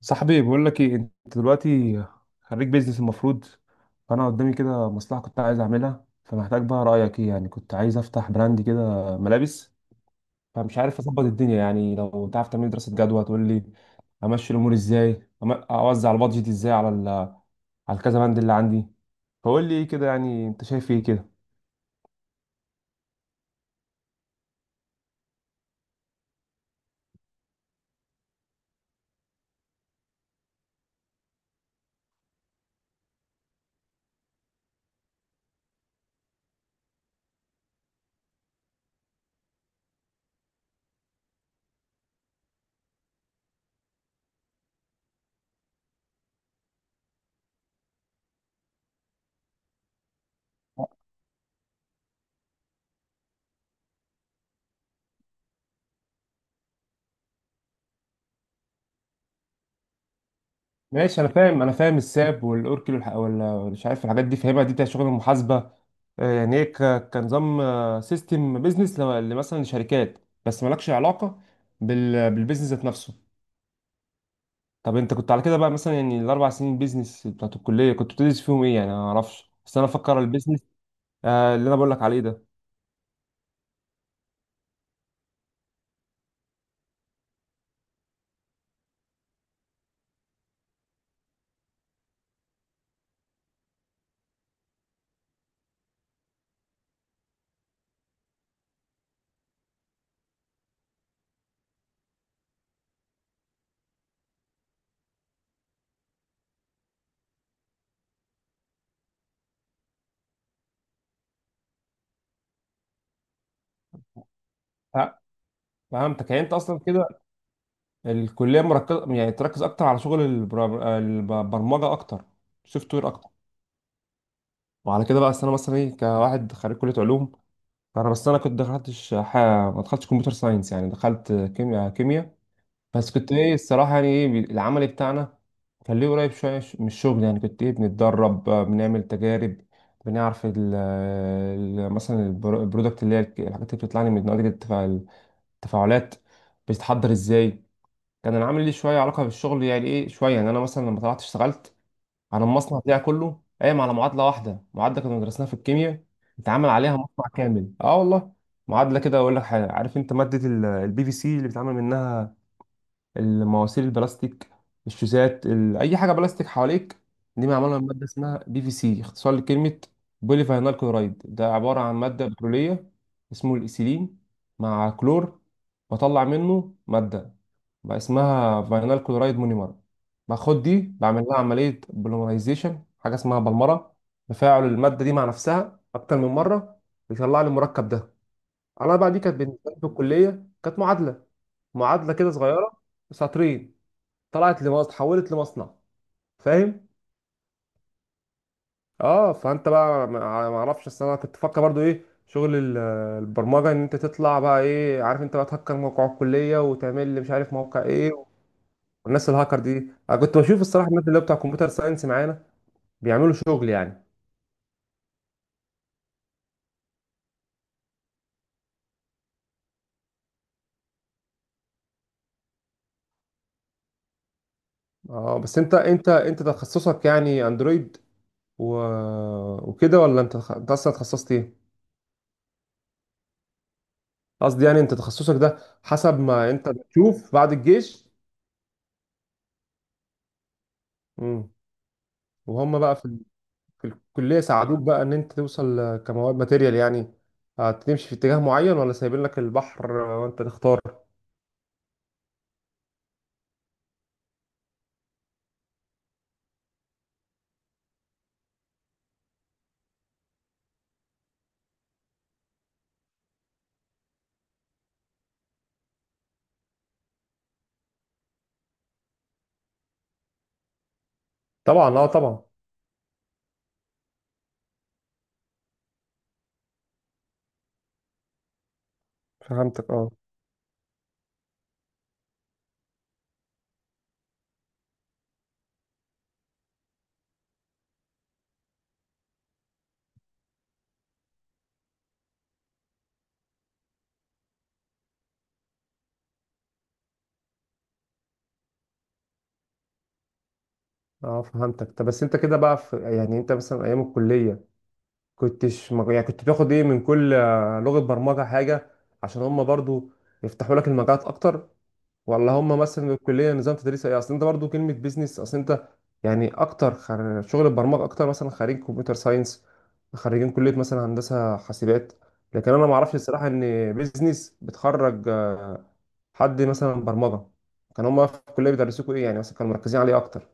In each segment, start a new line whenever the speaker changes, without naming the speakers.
صاحبي بقول لك ايه انت دلوقتي؟ خريج بيزنس المفروض. فانا قدامي كده مصلحه كنت عايز اعملها، فمحتاج بقى رايك ايه. يعني كنت عايز افتح براند كده ملابس، فمش عارف اظبط الدنيا. يعني لو تعرف تعمل دراسه جدوى تقول لي امشي الامور ازاي، اوزع البادجت ازاي على على الكذا بند اللي عندي. فقول لي ايه كده، يعني انت شايف ايه كده. ماشي، انا فاهم الساب والاوركل ولا مش عارف الحاجات دي، فاهمها دي بتاع شغل المحاسبه. آه، يعني ايه، كنظام سيستم بيزنس مثلا لشركات، بس مالكش علاقه بالبيزنس ذات نفسه. طب انت كنت على كده بقى، مثلا يعني الاربع سنين بيزنس بتاعت الكليه كنت بتدرس فيهم ايه؟ يعني انا ما اعرفش، بس انا افكر البيزنس آه، اللي انا بقول لك عليه ده. ف- فهمتك، يعني انت اصلا كده الكليه مركزه، يعني تركز اكتر على شغل البرمجه اكتر، سوفت وير اكتر. وعلى كده بقى، أصل انا مثلا ايه كواحد خريج كليه علوم، انا بس انا كنت ما دخلتش كمبيوتر ساينس، يعني دخلت كيمياء كيمياء. بس كنت ايه الصراحه، يعني ايه، العمل بتاعنا كان ليه قريب شويه من الشغل. يعني كنت ايه بنتدرب، آه، بنعمل تجارب، بنعرف مثلا البرودكت اللي هي الحاجات اللي بتطلع لي من نتيجه التفاعلات بتتحضر ازاي. كان العمل ليه شويه علاقه بالشغل، يعني ايه شويه. يعني انا مثلا لما طلعت اشتغلت، عن المصنع بتاعي كله قايم على معادله واحده، معادله كنا درسناها في الكيمياء اتعمل عليها مصنع كامل، اه والله. معادله كده، اقول لك حاجه، عارف انت ماده البي في سي اللي بيتعمل منها المواسير البلاستيك، الشوزات، اي حاجه بلاستيك حواليك؟ دي معموله من ماده اسمها بي في سي، اختصار لكلمه بولي فاينال كلورايد. ده عباره عن ماده بتروليه اسمه الايثيلين، مع كلور بطلع منه ماده بقى اسمها فاينال كلورايد مونيمر. باخد دي بعمل لها عمليه بوليمرايزيشن، حاجه اسمها بلمره، تفاعل الماده دي مع نفسها اكتر من مره، بيطلع لي المركب ده. انا بقى دي كانت بالنسبه لي في الكليه كانت معادله، معادله كده صغيره، سطرين، طلعت لمصنع، اتحولت لمصنع، فاهم. اه، فانت بقى ما اعرفش، اصل انا كنت بفكر برضو ايه شغل البرمجه، ان انت تطلع بقى ايه، عارف، انت بقى تهكر موقع الكليه وتعمل لي مش عارف موقع ايه، والناس الهاكر دي. انا كنت بشوف الصراحه الناس اللي هو بتاع كمبيوتر ساينس معانا بيعملوا شغل يعني. اه، بس انت تخصصك يعني اندرويد و... وكده، ولا انت انت اصلا تخصصت ايه؟ قصدي يعني انت تخصصك ده حسب ما انت بتشوف بعد الجيش. امم. وهم بقى في الكلية ساعدوك بقى إن أنت توصل آه، كمواد ماتيريال يعني هتمشي في اتجاه معين، ولا سايبين لك البحر آه، وأنت تختار؟ طبعا، طبعا. فهمتك، أه. أه، فهمتك. طب بس أنت كده بقى في، يعني أنت مثلا أيام الكلية يعني كنت بتاخد إيه من كل آه، لغة برمجة حاجة؟ عشان هما برضو يفتحوا لك المجالات أكتر، ولا هم مثلا الكليه نظام تدريس ايه؟ اصل انت برضو كلمه بيزنس، اصل انت يعني اكتر شغل البرمجه اكتر مثلا خريج كمبيوتر ساينس، خريجين كليه مثلا هندسه حاسبات. لكن انا ما اعرفش الصراحه ان بيزنس بتخرج آه، حد مثلا برمجه. كان هم في الكليه بيدرسوكوا ايه يعني، مثلا كانوا مركزين عليه اكتر؟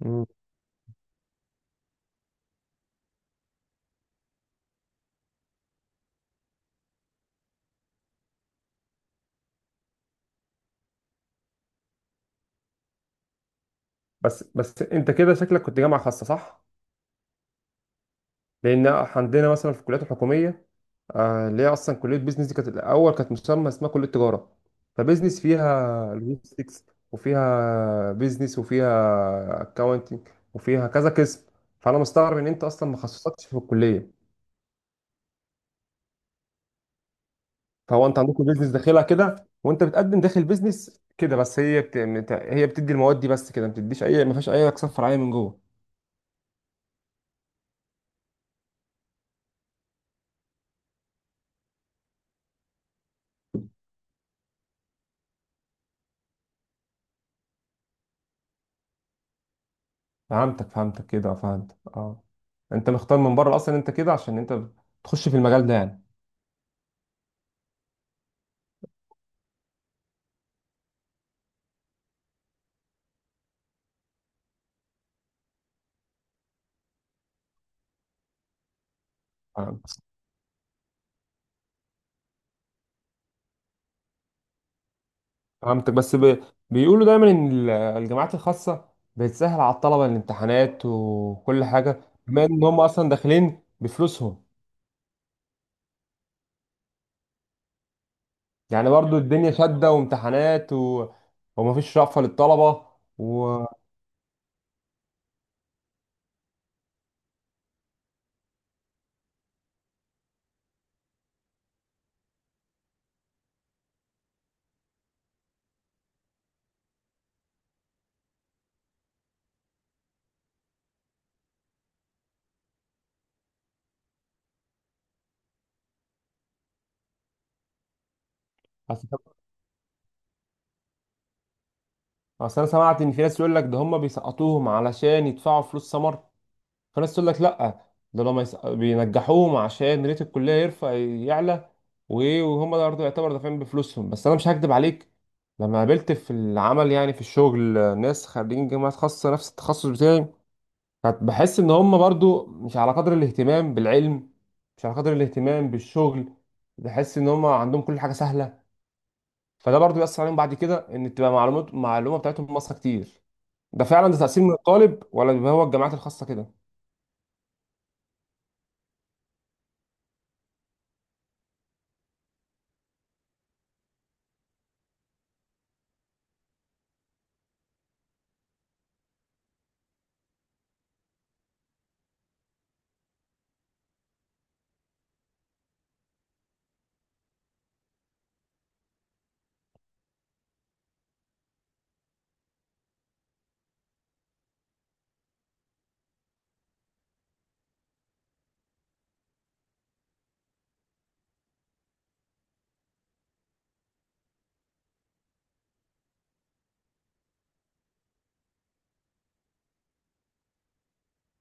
مم. بس انت كده شكلك كنت جامعه خاصه، صح؟ لان عندنا مثلا في الكليات الحكوميه، آه، اللي هي اصلا كليه بيزنس دي كانت الاول كانت مسمى اسمها كليه تجاره. فبيزنس فيها لوجيستكس، وفيها بيزنس، وفيها اكاونتنج، وفيها كذا قسم. فانا مستغرب ان انت اصلا ما خصصتش في الكليه. فهو انت عندكم بيزنس داخلها كده، وانت بتقدم داخل بيزنس كده، بس هي هي بتدي المواد دي بس كده، ما بتديش اي، ما فيهاش اي اقسام فرعيه من جوه؟ فهمتك كده، فهمت اه. انت مختار من بره اصلا انت كده عشان انت بتخش في المجال ده يعني. فهمت، فهمتك. بس بيقولوا دايما ان الجامعات الخاصه بتسهل على الطلبه الامتحانات وكل حاجه، بما ان هم اصلا داخلين بفلوسهم. يعني برضو الدنيا شاده وامتحانات و... ومفيش رأفة للطلبه، و اصل أصل انا سمعت ان في ناس يقول لك ده هم بيسقطوهم علشان يدفعوا فلوس سمر. فالناس تقول لك لا، ده لما بينجحوهم عشان ريت الكليه يرفع يعلى، وهم ده برضه يعتبر دافعين بفلوسهم. بس انا مش هكدب عليك، لما قابلت في العمل يعني، في الشغل ناس خريجين جامعات خاصه نفس التخصص بتاعي، كنت بحس ان هم برضه مش على قدر الاهتمام بالعلم، مش على قدر الاهتمام بالشغل. بحس ان هم عندهم كل حاجه سهله، فده برضه بيأثر عليهم بعد كده ان تبقى معلومات، المعلومه بتاعتهم ناقصه كتير. ده فعلا ده تأثير من الطالب، ولا بيبقى هو الجامعات الخاصه كده؟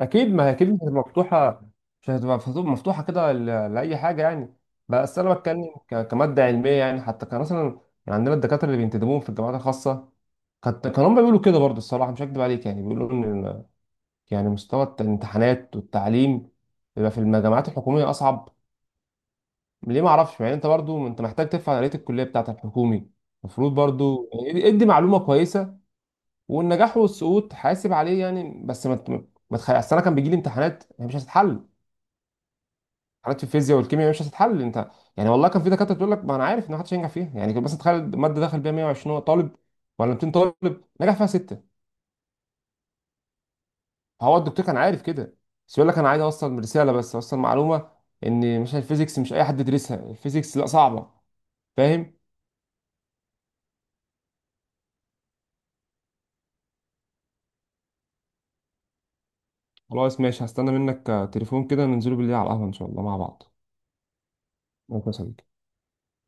اكيد، ما هي اكيد مش هتبقى مفتوحه، مش هتبقى مفتوحه كده لاي حاجه يعني. بس انا بتكلم كماده علميه يعني، حتى كان مثلا، يعني عندنا الدكاتره اللي بينتدبوهم في الجامعات الخاصه، كانوا هم بيقولوا كده برضه الصراحه مش هكدب عليك، يعني بيقولوا ان يعني مستوى الامتحانات والتعليم بيبقى في الجامعات الحكوميه اصعب. ليه ما اعرفش، يعني انت برضه انت محتاج تفهم آلية الكليه بتاعت الحكومي. المفروض برضه يعني ادي معلومه كويسه والنجاح والسقوط حاسب عليه يعني، بس ما ت- ما تخ- أصل انا كان بيجي لي امتحانات هي مش هتتحل، حالات في الفيزياء والكيمياء مش هتتحل انت. يعني والله كان في دكاتره تقول لك ما انا عارف ان محدش هينجح فيها. يعني كان مثلا تخيل ماده دخل بيها 120 طالب، ولا 200 طالب، نجح فيها سته. هو الدكتور كان عارف كده، بس يقول لك انا عايز اوصل رساله، بس اوصل معلومه ان مش الفيزيكس مش اي حد يدرسها، الفيزيكس لا صعبه. فاهم. خلاص ماشي، هستنى منك آه، تليفون كده ننزله بالليل على القهوه ان شاء الله مع بعض. ممكن